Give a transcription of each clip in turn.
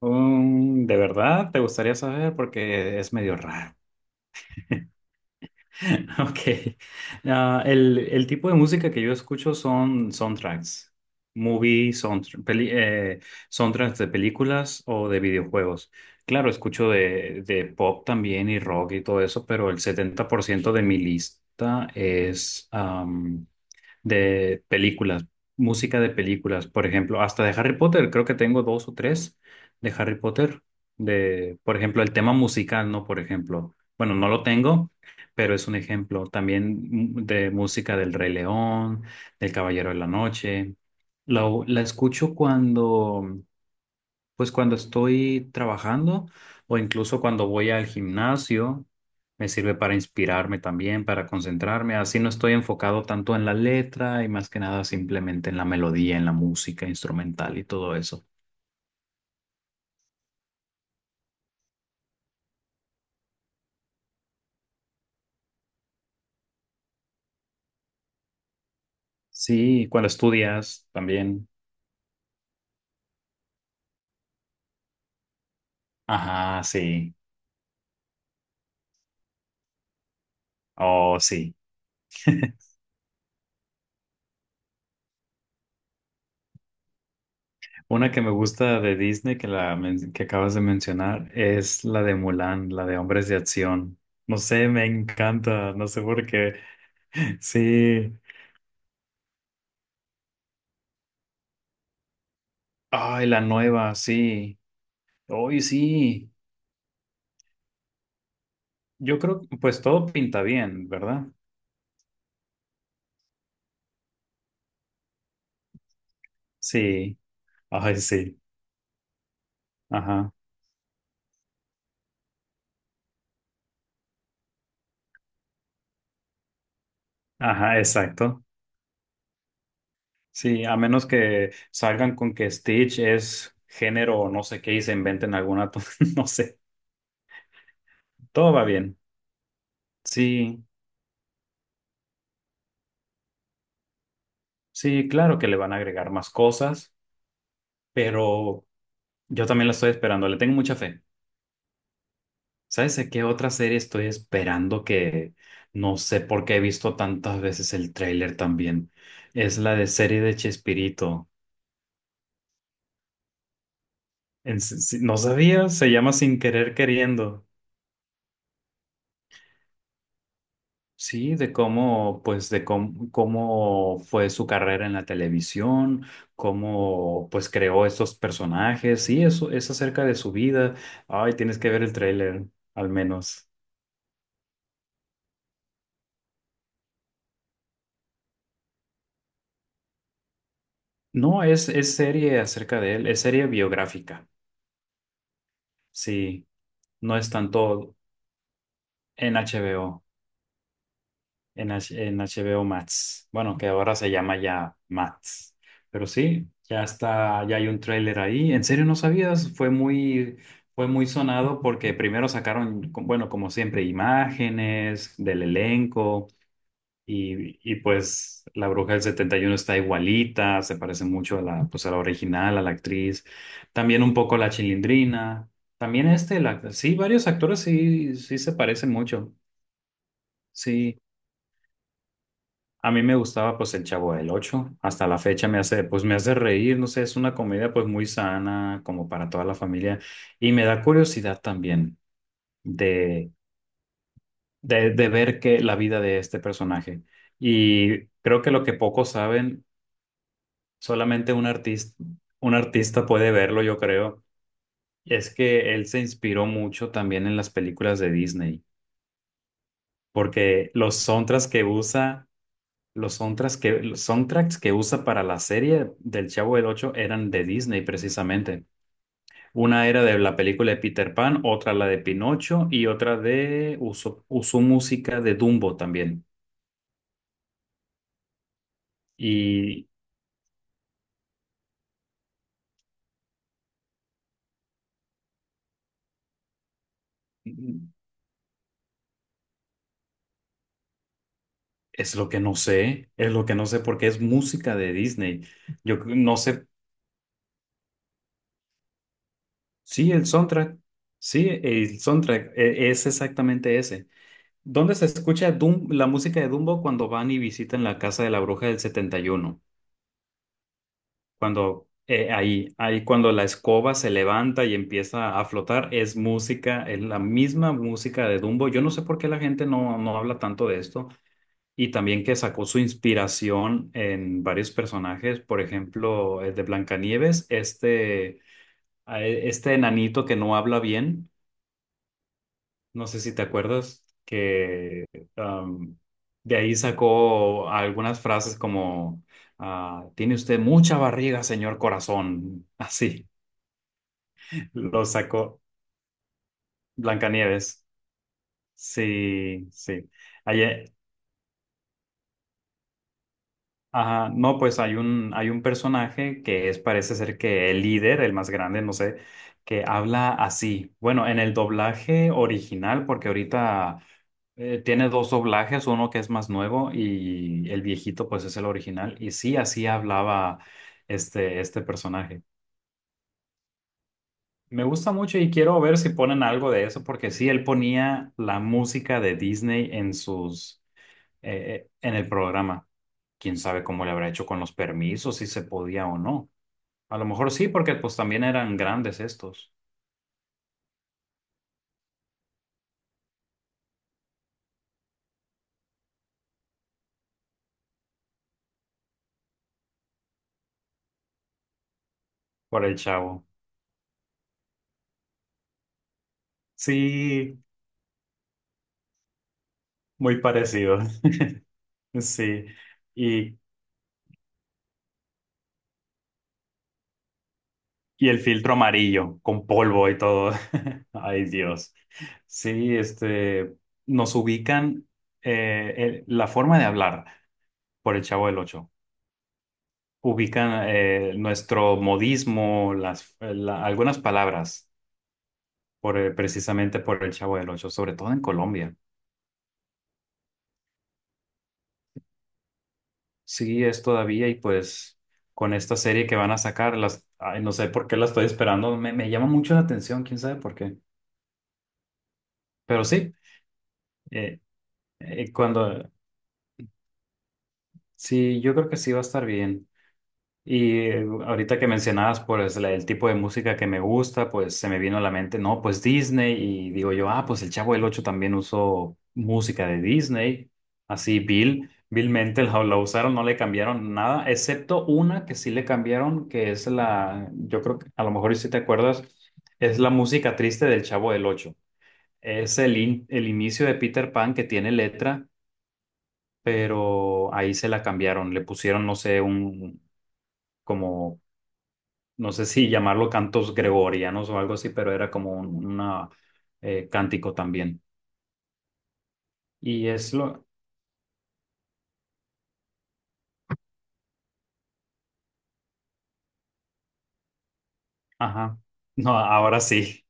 ¿De verdad te gustaría saber? Porque es medio raro. Ok. Ah, el tipo de música que yo escucho son soundtracks, movie, soundtr- peli- eh, soundtracks de películas o de videojuegos. Claro, escucho de pop también y rock y todo eso, pero el 70% de mi lista es de películas, música de películas, por ejemplo, hasta de Harry Potter, creo que tengo dos o tres de Harry Potter, de, por ejemplo, el tema musical, ¿no? Por ejemplo, bueno, no lo tengo, pero es un ejemplo también de música del Rey León, del Caballero de la Noche. La escucho cuando pues cuando estoy trabajando o incluso cuando voy al gimnasio, me sirve para inspirarme también, para concentrarme. Así no estoy enfocado tanto en la letra y más que nada simplemente en la melodía, en la música instrumental y todo eso. Sí, cuando estudias también. Ajá, sí. Oh, sí. Una que me gusta de Disney que, que acabas de mencionar es la de Mulan, la de Hombres de Acción. No sé, me encanta, no sé por qué. Sí. Ay, la nueva, sí. Hoy sí. Yo creo que pues todo pinta bien, ¿verdad? Sí. Ay, sí. Ajá. Ajá, exacto. Sí, a menos que salgan con que Stitch es género o no sé qué y se inventen alguna, no sé. Todo va bien. Sí, sí, claro que le van a agregar más cosas, pero yo también la estoy esperando. Le tengo mucha fe. ¿Sabes de qué otra serie estoy esperando que no sé por qué he visto tantas veces el tráiler también? Es la de serie de Chespirito. En s- si- No sabía, se llama Sin Querer Queriendo. Sí, de cómo, pues, de cómo, cómo fue su carrera en la televisión, cómo, pues, creó estos personajes. Sí, eso es acerca de su vida. Ay, tienes que ver el tráiler, al menos. No, es serie acerca de él, es serie biográfica. Sí. No es tanto en HBO, en, en HBO Max. Bueno, que ahora se llama ya Max. Pero sí, ya está, ya hay un tráiler ahí. ¿En serio no sabías? Fue muy sonado porque primero sacaron, bueno, como siempre, imágenes del elenco. Y pues la bruja del 71 está igualita, se parece mucho a la, pues a la original, a la actriz. También un poco a la Chilindrina. También este, sí, varios actores sí, sí se parecen mucho. Sí, a mí me gustaba pues el Chavo del Ocho, hasta la fecha me hace pues me hace reír, no sé, es una comedia pues muy sana como para toda la familia y me da curiosidad también de de ver que la vida de este personaje y creo que lo que pocos saben, solamente un artista puede verlo, yo creo, es que él se inspiró mucho también en las películas de Disney, porque los sontras que usa los soundtracks que usa para la serie del Chavo del Ocho eran de Disney precisamente. Una era de la película de Peter Pan, otra la de Pinocho y otra de usó música de Dumbo también. Y es lo que no sé, es lo que no sé porque es música de Disney. Yo no sé, sí, el soundtrack, sí, es exactamente ese. ¿Dónde se escucha la música de Dumbo cuando van y visitan la casa de la bruja del 71? Cuando ahí cuando la escoba se levanta y empieza a flotar, es música, es la misma música de Dumbo. Yo no sé por qué la gente no habla tanto de esto. Y también que sacó su inspiración en varios personajes, por ejemplo, el de Blancanieves, este, este enanito que no habla bien, no sé si te acuerdas, que am, de ahí sacó algunas frases como, ah, tiene usted mucha barriga, señor corazón, así. Lo sacó Blancanieves. Sí, sí. Ayer, ajá, no, pues hay hay un personaje que es, parece ser que el líder, el más grande, no sé, que habla así. Bueno, en el doblaje original, porque ahorita tiene dos doblajes, uno que es más nuevo y el viejito, pues es el original. Y sí, así hablaba este personaje. Me gusta mucho y quiero ver si ponen algo de eso, porque sí, él ponía la música de Disney en sus en el programa. Quién sabe cómo le habrá hecho con los permisos, si se podía o no. A lo mejor sí, porque pues también eran grandes estos, por el chavo. Sí, muy parecido. Sí. Y, y el filtro amarillo, con polvo y todo. Ay, Dios. Sí, este, nos ubican la forma de hablar por el Chavo del Ocho. Ubican nuestro modismo, las, algunas palabras precisamente por el Chavo del Ocho, sobre todo en Colombia. Sí, es todavía y pues con esta serie que van a sacar, las, ay, no sé por qué la estoy esperando, me llama mucho la atención, quién sabe por qué. Pero sí, eh, cuando, sí, yo creo que sí va a estar bien. Y ahorita que mencionabas pues el tipo de música que me gusta, pues se me vino a la mente, no, pues Disney y digo yo, ah, pues el Chavo del Ocho también usó música de Disney, así vilmente la usaron, no le cambiaron nada, excepto una que sí le cambiaron, que es la, yo creo que a lo mejor y si te acuerdas, es la música triste del Chavo del Ocho. Es el, el inicio de Peter Pan que tiene letra, pero ahí se la cambiaron, le pusieron, no sé, un como no sé si llamarlo cantos gregorianos o algo así, pero era como un una, cántico también. Y es lo, ajá, no, ahora sí,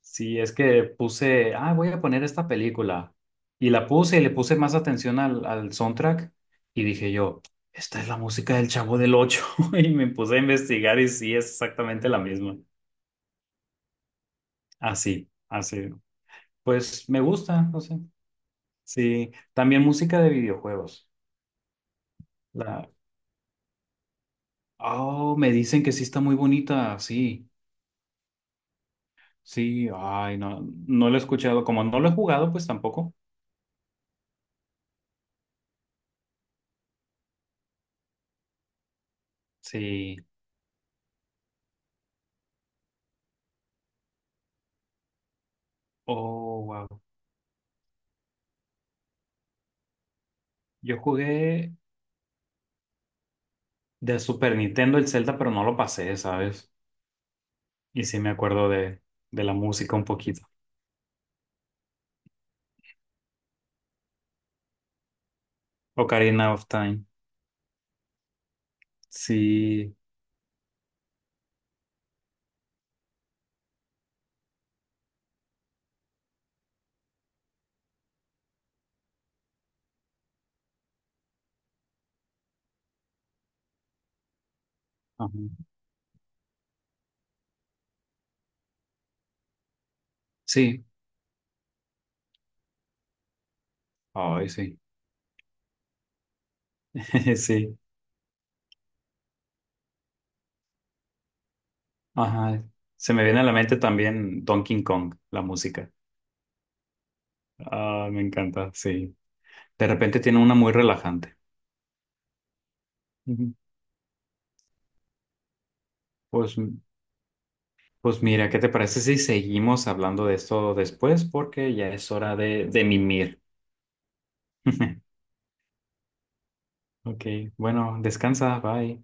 sí, es que puse, ah, voy a poner esta película. Y la puse y le puse más atención al soundtrack y dije yo, esta es la música del Chavo del Ocho y me puse a investigar y sí, es exactamente la misma. Así, así. Pues me gusta, no sé. Sí, también música de videojuegos. La, oh, me dicen que sí está muy bonita, sí, sí, ay, no, no lo he escuchado, como no lo he jugado, pues tampoco, sí, oh, wow, yo jugué de Super Nintendo el Zelda, pero no lo pasé, ¿sabes? Y sí me acuerdo de la música un poquito, Ocarina of Time, sí, ajá, sí, ay, sí, sí, ajá, se me viene a la mente también Donkey Kong, la música, ah, me encanta, sí, de repente tiene una muy relajante. Ujú. Pues Pues mira, ¿qué te parece si seguimos hablando de esto después? Porque ya es hora de mimir. Ok, bueno, descansa, bye.